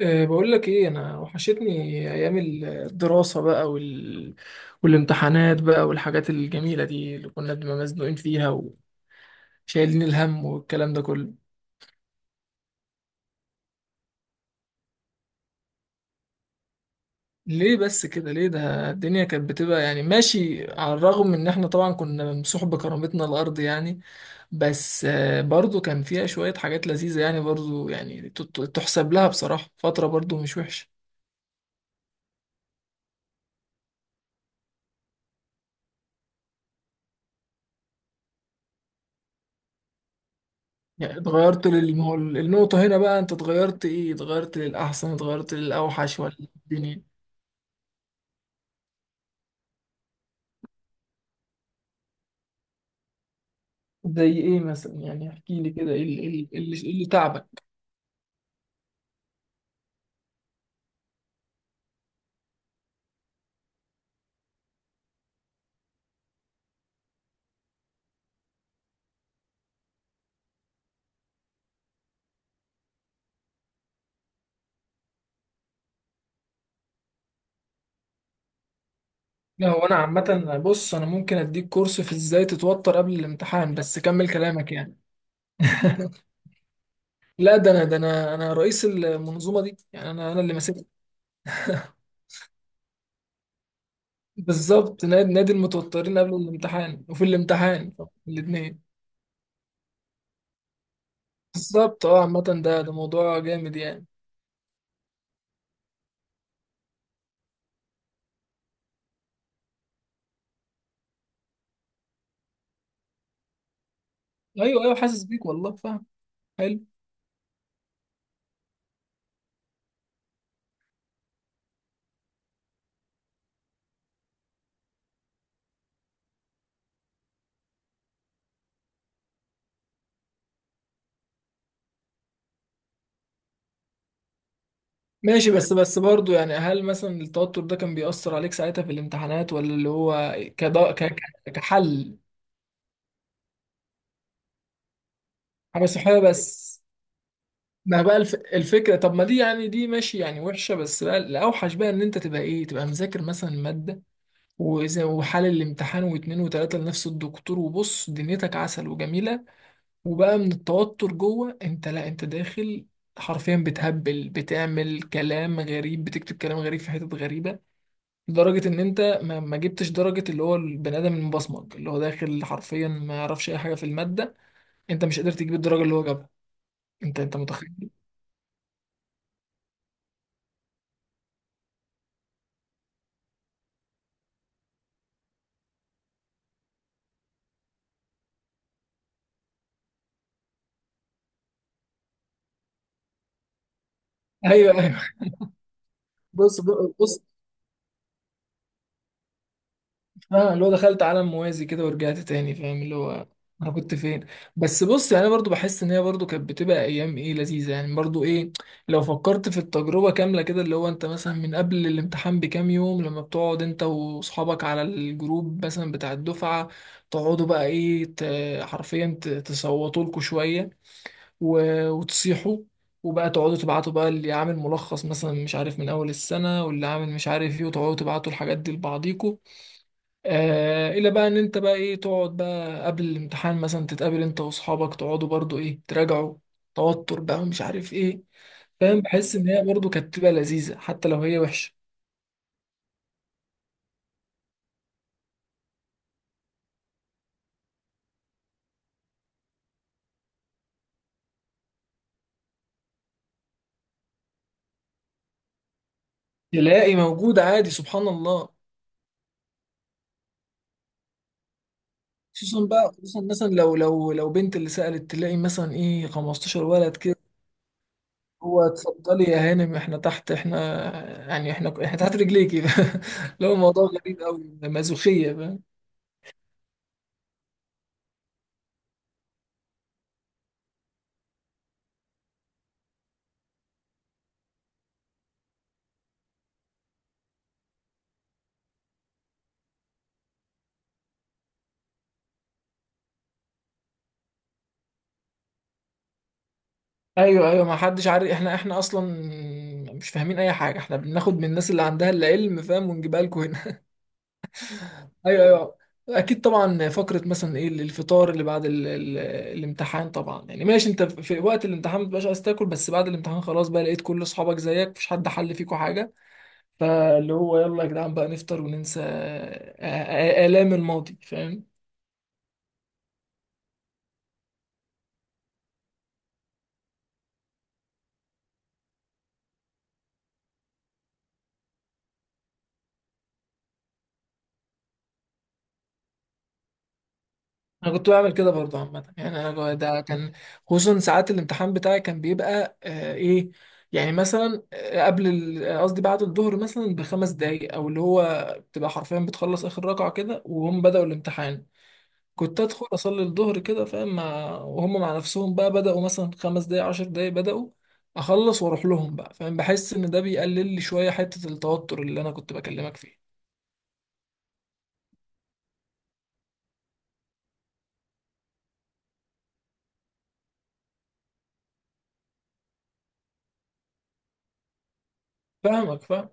بقول لك ايه، انا وحشتني ايام الدراسة بقى والامتحانات بقى والحاجات الجميلة دي اللي كنا بنبقى مزنوقين فيها وشايلين الهم والكلام ده كله. ليه بس كده؟ ليه؟ ده الدنيا كانت بتبقى يعني ماشي، على الرغم من ان احنا طبعا كنا ممسوح بكرامتنا الارض يعني. بس برضو كان فيها شوية حاجات لذيذة، يعني برضو يعني تحسب لها بصراحة، فترة برضو مش وحشة. يعني اتغيرت ما هو النقطة هنا بقى، انت اتغيرت ايه؟ اتغيرت للأحسن، اتغيرت للأوحش، ولا؟ الدنيا... زي ايه مثلا يعني؟ احكي لي كده، ايه اللي, إيه اللي إيه اللي تعبك؟ لا هو انا عامة، بص، انا ممكن اديك كورس في ازاي تتوتر قبل الامتحان، بس كمل كلامك يعني. لا ده انا رئيس المنظومة دي، يعني انا اللي ماسك. بالظبط، نادي المتوترين قبل الامتحان وفي الامتحان، الاثنين. بالظبط. اه، عامة ده موضوع جامد يعني. ايوه ايوه، حاسس بيك والله، فاهم. حلو. ماشي. بس برضه، يعني هل مثلا التوتر ده كان بيأثر عليك ساعتها في الامتحانات، ولا اللي هو كحل؟ حاجة صحية بس. ما بقى الفكرة. طب ما دي يعني، دي ماشي، يعني وحشة، بس بقى الأوحش بقى إن أنت تبقى إيه، تبقى مذاكر مثلا مادة، وزي وحل الامتحان واتنين وتلاتة لنفس الدكتور، وبص دنيتك عسل وجميلة، وبقى من التوتر جوه أنت، لا أنت داخل حرفيا بتهبل، بتعمل كلام غريب، بتكتب كلام غريب في حتت غريبة، لدرجة إن أنت ما جبتش درجة اللي هو البني آدم المبصمج، اللي هو داخل حرفيا ما يعرفش أي حاجة في المادة. أنت مش قادر تجيب الدرجة اللي هو جابها أنت متخيل؟ أيوه أيوه. بص بص، اه اللي هو دخلت عالم موازي كده ورجعت تاني، فاهم، اللي هو انا كنت فين. بس بص، يعني انا برضو بحس ان هي برضو كانت بتبقى ايام ايه لذيذه، يعني برضو ايه. لو فكرت في التجربه كامله كده، اللي هو انت مثلا من قبل الامتحان بكام يوم لما بتقعد انت واصحابك على الجروب مثلا بتاع الدفعه، تقعدوا بقى ايه، حرفيا تصوتوا لكم شويه، وتصيحوا، وبقى تقعدوا تبعتوا بقى اللي عامل ملخص مثلا، مش عارف من اول السنه، واللي عامل مش عارف ايه، وتقعدوا تبعتوا الحاجات دي لبعضيكوا. آه، الى بقى ان انت بقى ايه، تقعد بقى قبل الامتحان مثلا، تتقابل انت واصحابك، تقعدوا برضو ايه، تراجعوا، توتر بقى، ومش عارف ايه. فاهم؟ بحس ان هي برضو كانت بتبقى لذيذه حتى لو هي وحشه. تلاقي موجود عادي، سبحان الله. خصوصا بقى، خصوصا مثلا لو لو بنت اللي سألت، تلاقي مثلا ايه 15 ولد كده: هو اتفضلي يا هانم، احنا تحت، احنا يعني، احنا تحت رجليكي. لو الموضوع غريب قوي، مازوخيه. ايوه ايوه، ما حدش عارف، احنا اصلا مش فاهمين اي حاجه، احنا بناخد من الناس اللي عندها العلم، فاهم، ونجيبها لكم هنا. ايوه ايوه. اكيد طبعا. فقره مثلا ايه، الفطار اللي بعد ال الامتحان. طبعا يعني ماشي، انت في وقت الامتحان ما بتبقاش عايز تاكل، بس بعد الامتحان خلاص بقى، لقيت كل اصحابك زيك، مفيش حد حل فيكوا حاجه، فاللي هو يلا يا جدعان بقى، نفطر وننسى الام الماضي، فاهم. انا كنت بعمل كده برضه، عامه يعني. انا ده كان خصوصا ساعات الامتحان بتاعي، كان بيبقى آه ايه، يعني مثلا قبل قصدي بعد الظهر مثلا بخمس دقايق، او اللي هو بتبقى حرفيا بتخلص اخر ركعه كده وهم بداوا الامتحان، كنت ادخل اصلي الظهر كده، فاهم، وهم مع نفسهم بقى بداوا مثلا خمس دقايق، عشر دقايق بداوا، اخلص واروح لهم بقى. فاهم؟ بحس ان ده بيقلل لي شويه حته التوتر اللي انا كنت بكلمك فيه. فاهمك، فاهم.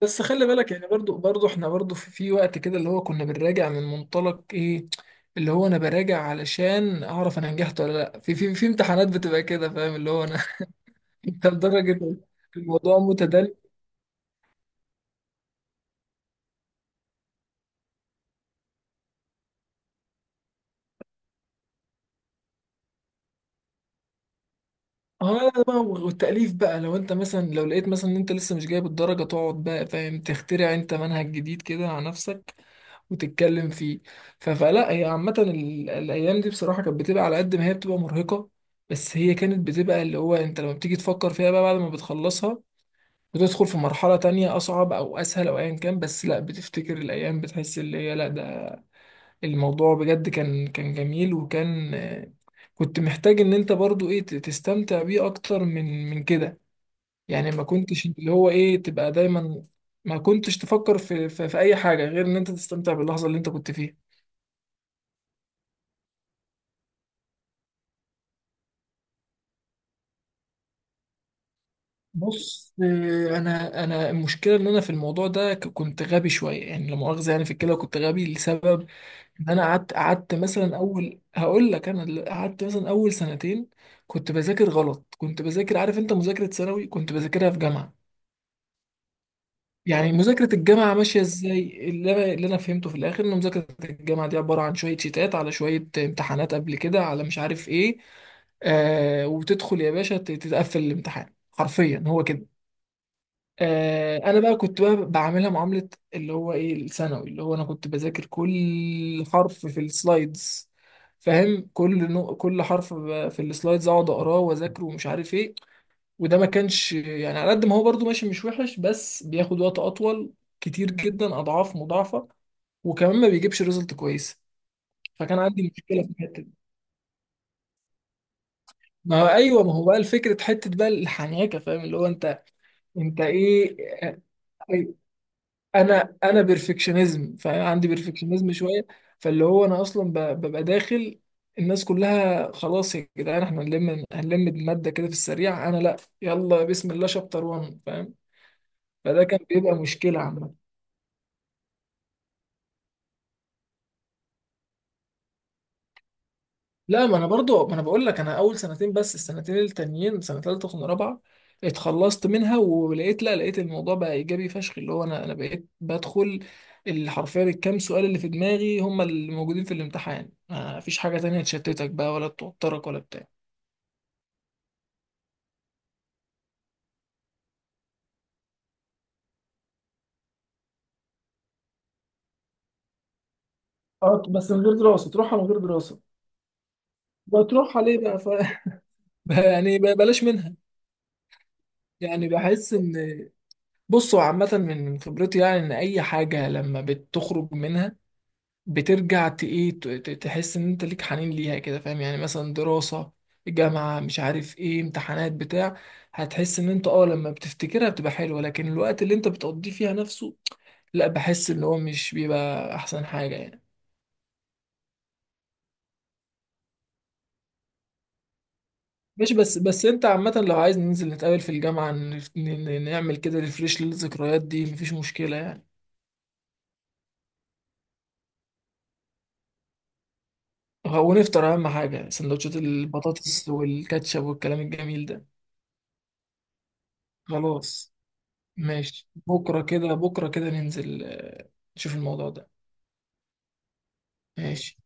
بس خلي بالك يعني، برضو احنا برضو في وقت كده اللي هو كنا بنراجع من منطلق ايه، اللي هو انا براجع علشان اعرف انا نجحت ولا لا، في في امتحانات بتبقى كده، فاهم، اللي هو انا... انت لدرجة الموضوع متدل. اه لا بقى، والتأليف بقى، لو انت مثلا لو لقيت مثلا ان انت لسه مش جايب الدرجة، تقعد بقى، فاهم، تخترع انت منهج جديد كده على نفسك وتتكلم فيه. فلا، هي عامة الأيام دي بصراحة كانت بتبقى على قد ما هي بتبقى مرهقة، بس هي كانت بتبقى اللي هو أنت لما بتيجي تفكر فيها بقى بعد ما بتخلصها، بتدخل في مرحلة تانية أصعب أو أسهل أو أيا كان، بس لا، بتفتكر الأيام بتحس اللي هي لا، ده الموضوع بجد كان كان جميل، وكان كنت محتاج إن أنت برضو إيه تستمتع بيه أكتر من كده. يعني ما كنتش اللي هو إيه تبقى دايما، ما كنتش تفكر في أي حاجة غير إن أنت تستمتع باللحظة اللي أنت كنت فيها. بص، انا المشكله ان انا في الموضوع ده كنت غبي شويه يعني، لا مؤاخذه يعني، في الكلى كنت غبي لسبب ان انا قعدت مثلا اول، هقول لك، انا اللي قعدت مثلا اول سنتين كنت بذاكر غلط، كنت بذاكر، عارف انت مذاكره ثانوي، كنت بذاكرها في جامعه، يعني مذاكره الجامعه ماشيه ازاي. اللي انا فهمته في الاخر ان مذاكره الجامعه دي عباره عن شويه شيتات على شويه امتحانات قبل كده، على مش عارف ايه. آه، وبتدخل يا باشا تتقفل الامتحان، حرفيا هو كده. انا بقى كنت بقى بعملها معاملة اللي هو ايه الثانوي، اللي هو انا كنت بذاكر كل حرف في السلايدز، فاهم، كل كل حرف في السلايدز، اقعد اقراه واذاكره ومش عارف ايه. وده ما كانش يعني، على قد ما هو برضو ماشي مش وحش، بس بياخد وقت اطول، كتير جدا، اضعاف مضاعفة، وكمان ما بيجيبش ريزلت كويسة. فكان عندي مشكلة في الحتة دي. ما هو ايوه، ما هو بقى الفكرة، حتة بقى الحنيكة، فاهم، اللي هو انت، انت ايه، آه، انا بيرفكشنزم، فعندي بيرفكشنزم شويه، فاللي هو انا اصلا ببقى داخل، الناس كلها خلاص يا جدعان احنا هنلم الماده كده في السريع، انا لا، يلا بسم الله شابتر 1، فاهم. فده كان بيبقى مشكله عامه. لا، ما انا برضو، ما انا بقول لك انا اول سنتين بس، السنتين التانيين سنه ثالثه وسنه رابعه، اتخلصت منها ولقيت، لا لقيت الموضوع بقى ايجابي فشخ، اللي هو انا بقيت بدخل اللي حرفيا الكام سؤال اللي في دماغي هم اللي موجودين في الامتحان، ما فيش حاجه تانية تشتتك بقى، ولا توترك، ولا بتاع. اه، بس من غير دراسة تروحها، من غير دراسة. بتروح عليه بقى ف... بقى يعني بقى بلاش منها. يعني بحس ان... بصوا عامة من خبرتي، يعني ان اي حاجة لما بتخرج منها، بترجع تحس ان انت ليك حنين ليها كده، فاهم، يعني مثلا دراسة جامعة، مش عارف ايه، امتحانات بتاع، هتحس ان انت اه لما بتفتكرها بتبقى حلوة، لكن الوقت اللي انت بتقضيه فيها نفسه، لا، بحس ان هو مش بيبقى احسن حاجة يعني. مش بس، بس انت عامة لو عايز ننزل نتقابل في الجامعة، نعمل كده ريفريش للذكريات دي، مفيش مشكلة يعني. ونفطر، اهم حاجة، سندوتشات البطاطس والكاتشب والكلام الجميل ده. خلاص. ماشي. بكرة كده، بكرة كده ننزل نشوف الموضوع ده. ماشي.